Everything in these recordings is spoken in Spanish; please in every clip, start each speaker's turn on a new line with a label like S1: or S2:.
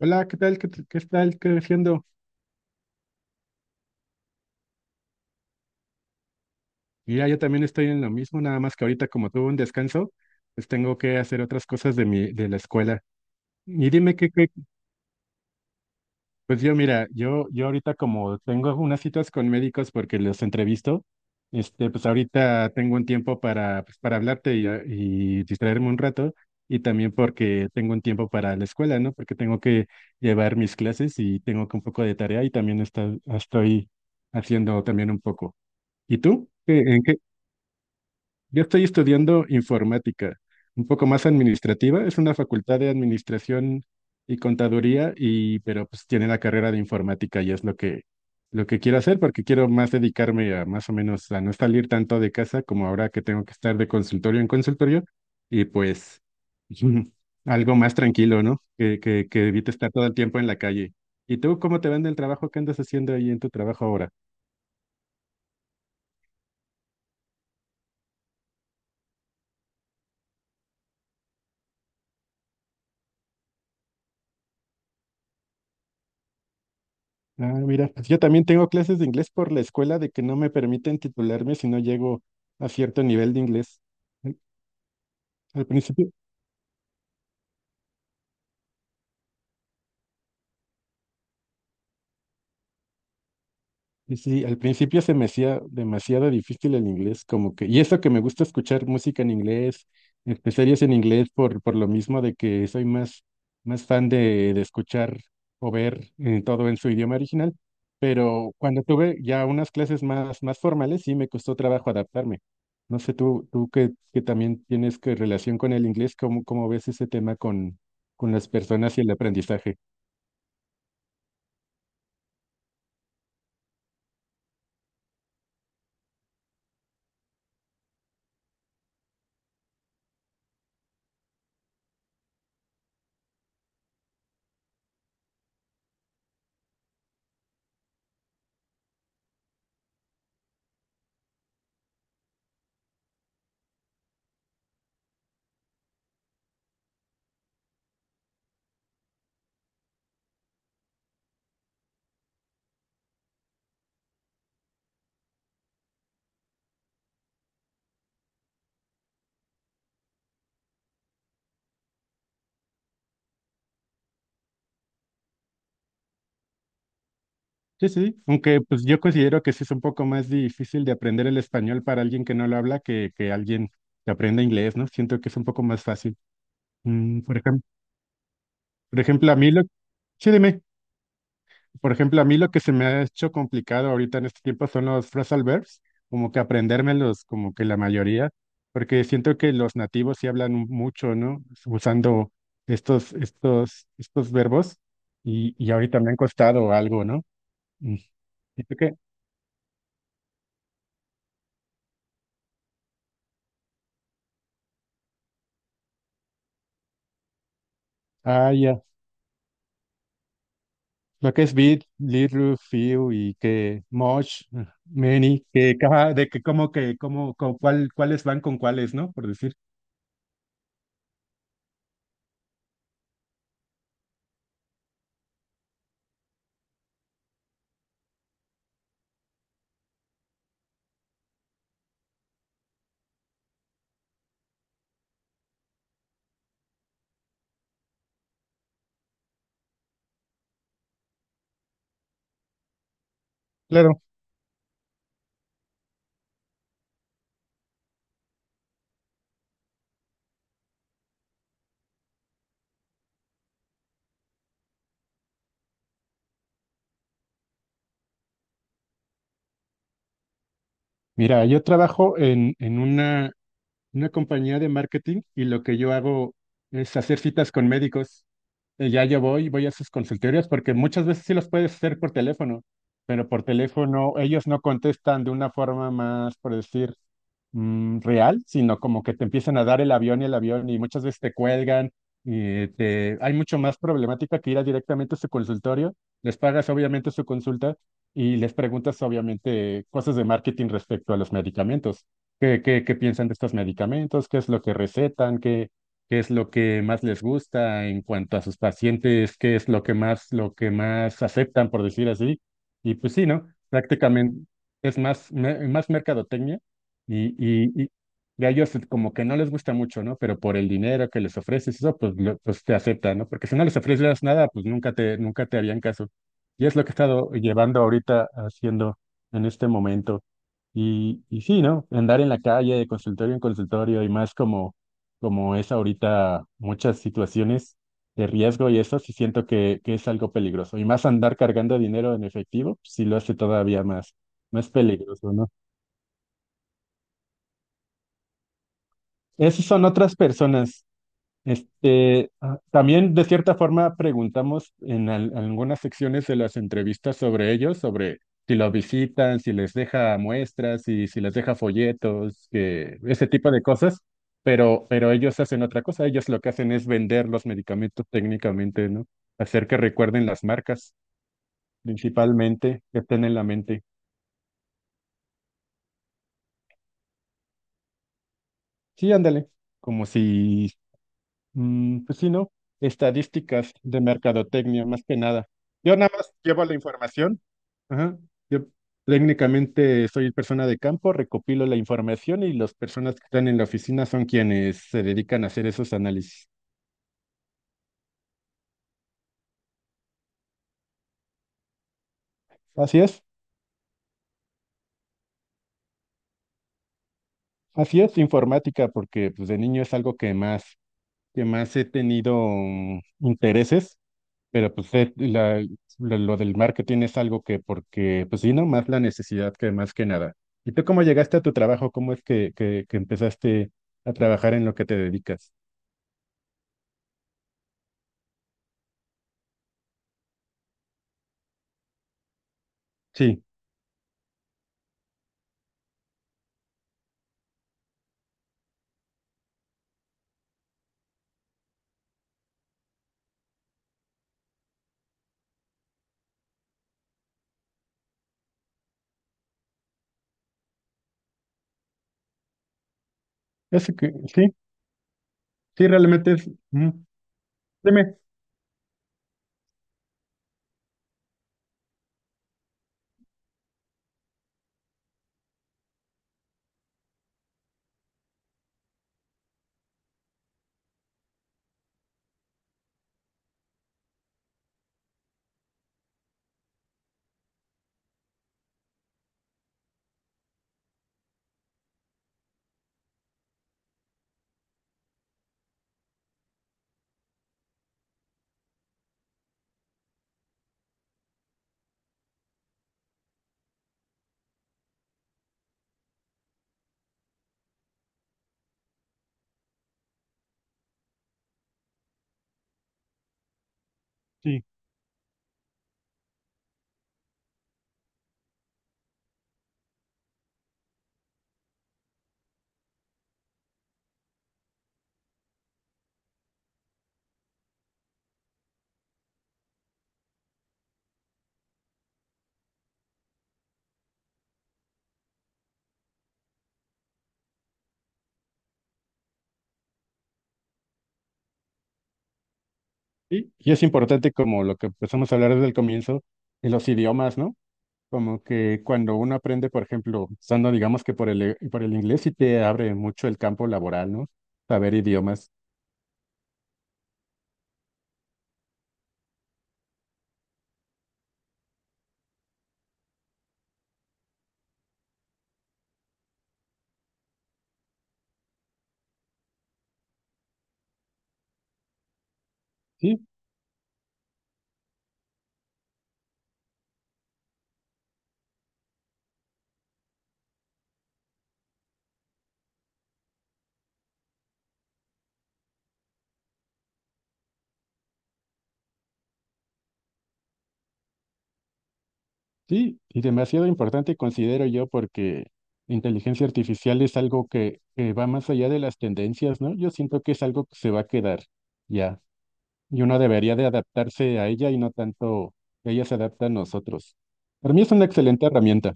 S1: Hola, ¿qué tal? ¿Qué tal creciendo? Mira, yo también estoy en lo mismo, nada más que ahorita como tuve un descanso, pues tengo que hacer otras cosas de la escuela. Y dime qué, qué- pues yo mira, yo ahorita como tengo unas citas con médicos porque los entrevisto, pues ahorita tengo un tiempo para, pues para hablarte y distraerme un rato, y también porque tengo un tiempo para la escuela, ¿no? Porque tengo que llevar mis clases y tengo que un poco de tarea y también estoy haciendo también un poco. ¿Y tú? ¿En qué? Yo estoy estudiando informática, un poco más administrativa. Es una facultad de administración y contaduría, y, pero pues tiene la carrera de informática y es lo que quiero hacer porque quiero más dedicarme a más o menos a no salir tanto de casa como ahora que tengo que estar de consultorio en consultorio y pues algo más tranquilo, ¿no? Que evite estar todo el tiempo en la calle. ¿Y tú cómo te va en el trabajo? ¿Qué andas haciendo ahí en tu trabajo ahora? Ah, mira, pues yo también tengo clases de inglés por la escuela de que no me permiten titularme si no llego a cierto nivel de inglés. Al Al principio, sí, sí, al principio se me hacía demasiado difícil el inglés, como que, y eso que me gusta escuchar música en inglés, series en inglés, por lo mismo de que soy más, más fan de escuchar o ver todo en su idioma original, pero cuando tuve ya unas clases más, más formales, sí me costó trabajo adaptarme. No sé, tú que también tienes que relación con el inglés, ¿cómo ves ese tema con las personas y el aprendizaje? Sí, sí, sí. Aunque pues yo considero que sí es un poco más difícil de aprender el español para alguien que no lo habla que alguien que aprenda inglés, ¿no? Siento que es un poco más fácil. Mm, por ejemplo, por ejemplo, a mí lo, sí, dime, por ejemplo, a mí lo que se me ha hecho complicado ahorita en este tiempo son los phrasal verbs, como que aprendérmelos, como que la mayoría, porque siento que los nativos sí hablan mucho, ¿no? Usando estos verbos y ahorita me han costado algo, ¿no? Mm, siento que... ah, ya. Lo que es bit, little, few y que much, many, que cada, de que, como, con cuál, cuáles van con cuáles, ¿no? Por decir. Claro. Mira, yo trabajo en una compañía de marketing y lo que yo hago es hacer citas con médicos. Ya yo voy, voy a sus consultorios porque muchas veces sí los puedes hacer por teléfono, pero por teléfono ellos no contestan de una forma más, por decir, mm, real, sino como que te empiezan a dar el avión y muchas veces te cuelgan y te... hay mucho más problemática que ir a directamente a su consultorio, les pagas obviamente su consulta y les preguntas obviamente cosas de marketing respecto a los medicamentos. ¿Qué piensan de estos medicamentos? ¿Qué es lo que recetan? ¿Qué es lo que más les gusta en cuanto a sus pacientes? ¿Qué es lo que más aceptan, por decir así? Y pues sí, ¿no? Prácticamente es más, más mercadotecnia y, y, y, y a ellos como que no les gusta mucho, ¿no? Pero por el dinero que les ofreces, eso pues, pues te aceptan, ¿no? Porque si no les ofreces nada, pues nunca te harían caso. Y es lo que he estado llevando ahorita haciendo en este momento. Y sí, ¿no? Andar en la calle de consultorio en consultorio y más como, como es ahorita muchas situaciones de riesgo y eso sí siento que es algo peligroso. Y más andar cargando dinero en efectivo, sí lo hace todavía más, más peligroso, ¿no? Esas son otras personas. Este, ah, también de cierta forma preguntamos en algunas secciones de las entrevistas sobre ellos, sobre si los visitan, si les deja muestras, si les deja folletos, que, ese tipo de cosas, pero ellos hacen otra cosa, ellos lo que hacen es vender los medicamentos técnicamente, ¿no? Hacer que recuerden las marcas, principalmente, que estén en la mente. Sí, ándale, como si mm, pues sí, ¿no? Estadísticas de mercadotecnia, más que nada. Yo nada más llevo la información. Ajá. Yo técnicamente soy persona de campo, recopilo la información y las personas que están en la oficina son quienes se dedican a hacer esos análisis. Así es, así es informática, porque pues, de niño es algo que más he tenido mm, intereses. Pero pues lo del marketing es algo que, porque, pues sí, no más la necesidad que más que nada. ¿Y tú cómo llegaste a tu trabajo? ¿Cómo es que empezaste a trabajar en lo que te dedicas? Sí, eso que, sí, sí, realmente es, mm, dime, sí. Y es importante como lo que empezamos a hablar desde el comienzo, de los idiomas, ¿no? Como que cuando uno aprende, por ejemplo, usando, digamos que por el, por el inglés, sí te abre mucho el campo laboral, ¿no? Saber idiomas. Sí, sí, y demasiado importante considero yo porque inteligencia artificial es algo que va más allá de las tendencias, ¿no? Yo siento que es algo que se va a quedar ya y uno debería de adaptarse a ella y no tanto que ella se adapta a nosotros. Para mí es una excelente herramienta.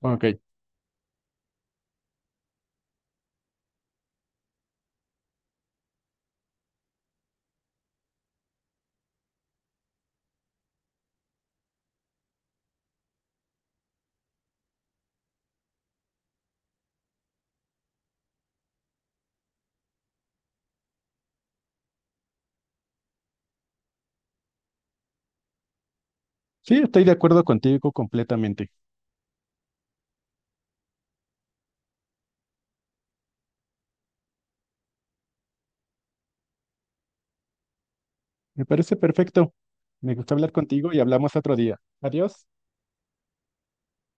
S1: Ok, sí, estoy de acuerdo contigo completamente. Me parece perfecto. Me gusta hablar contigo y hablamos otro día. Adiós.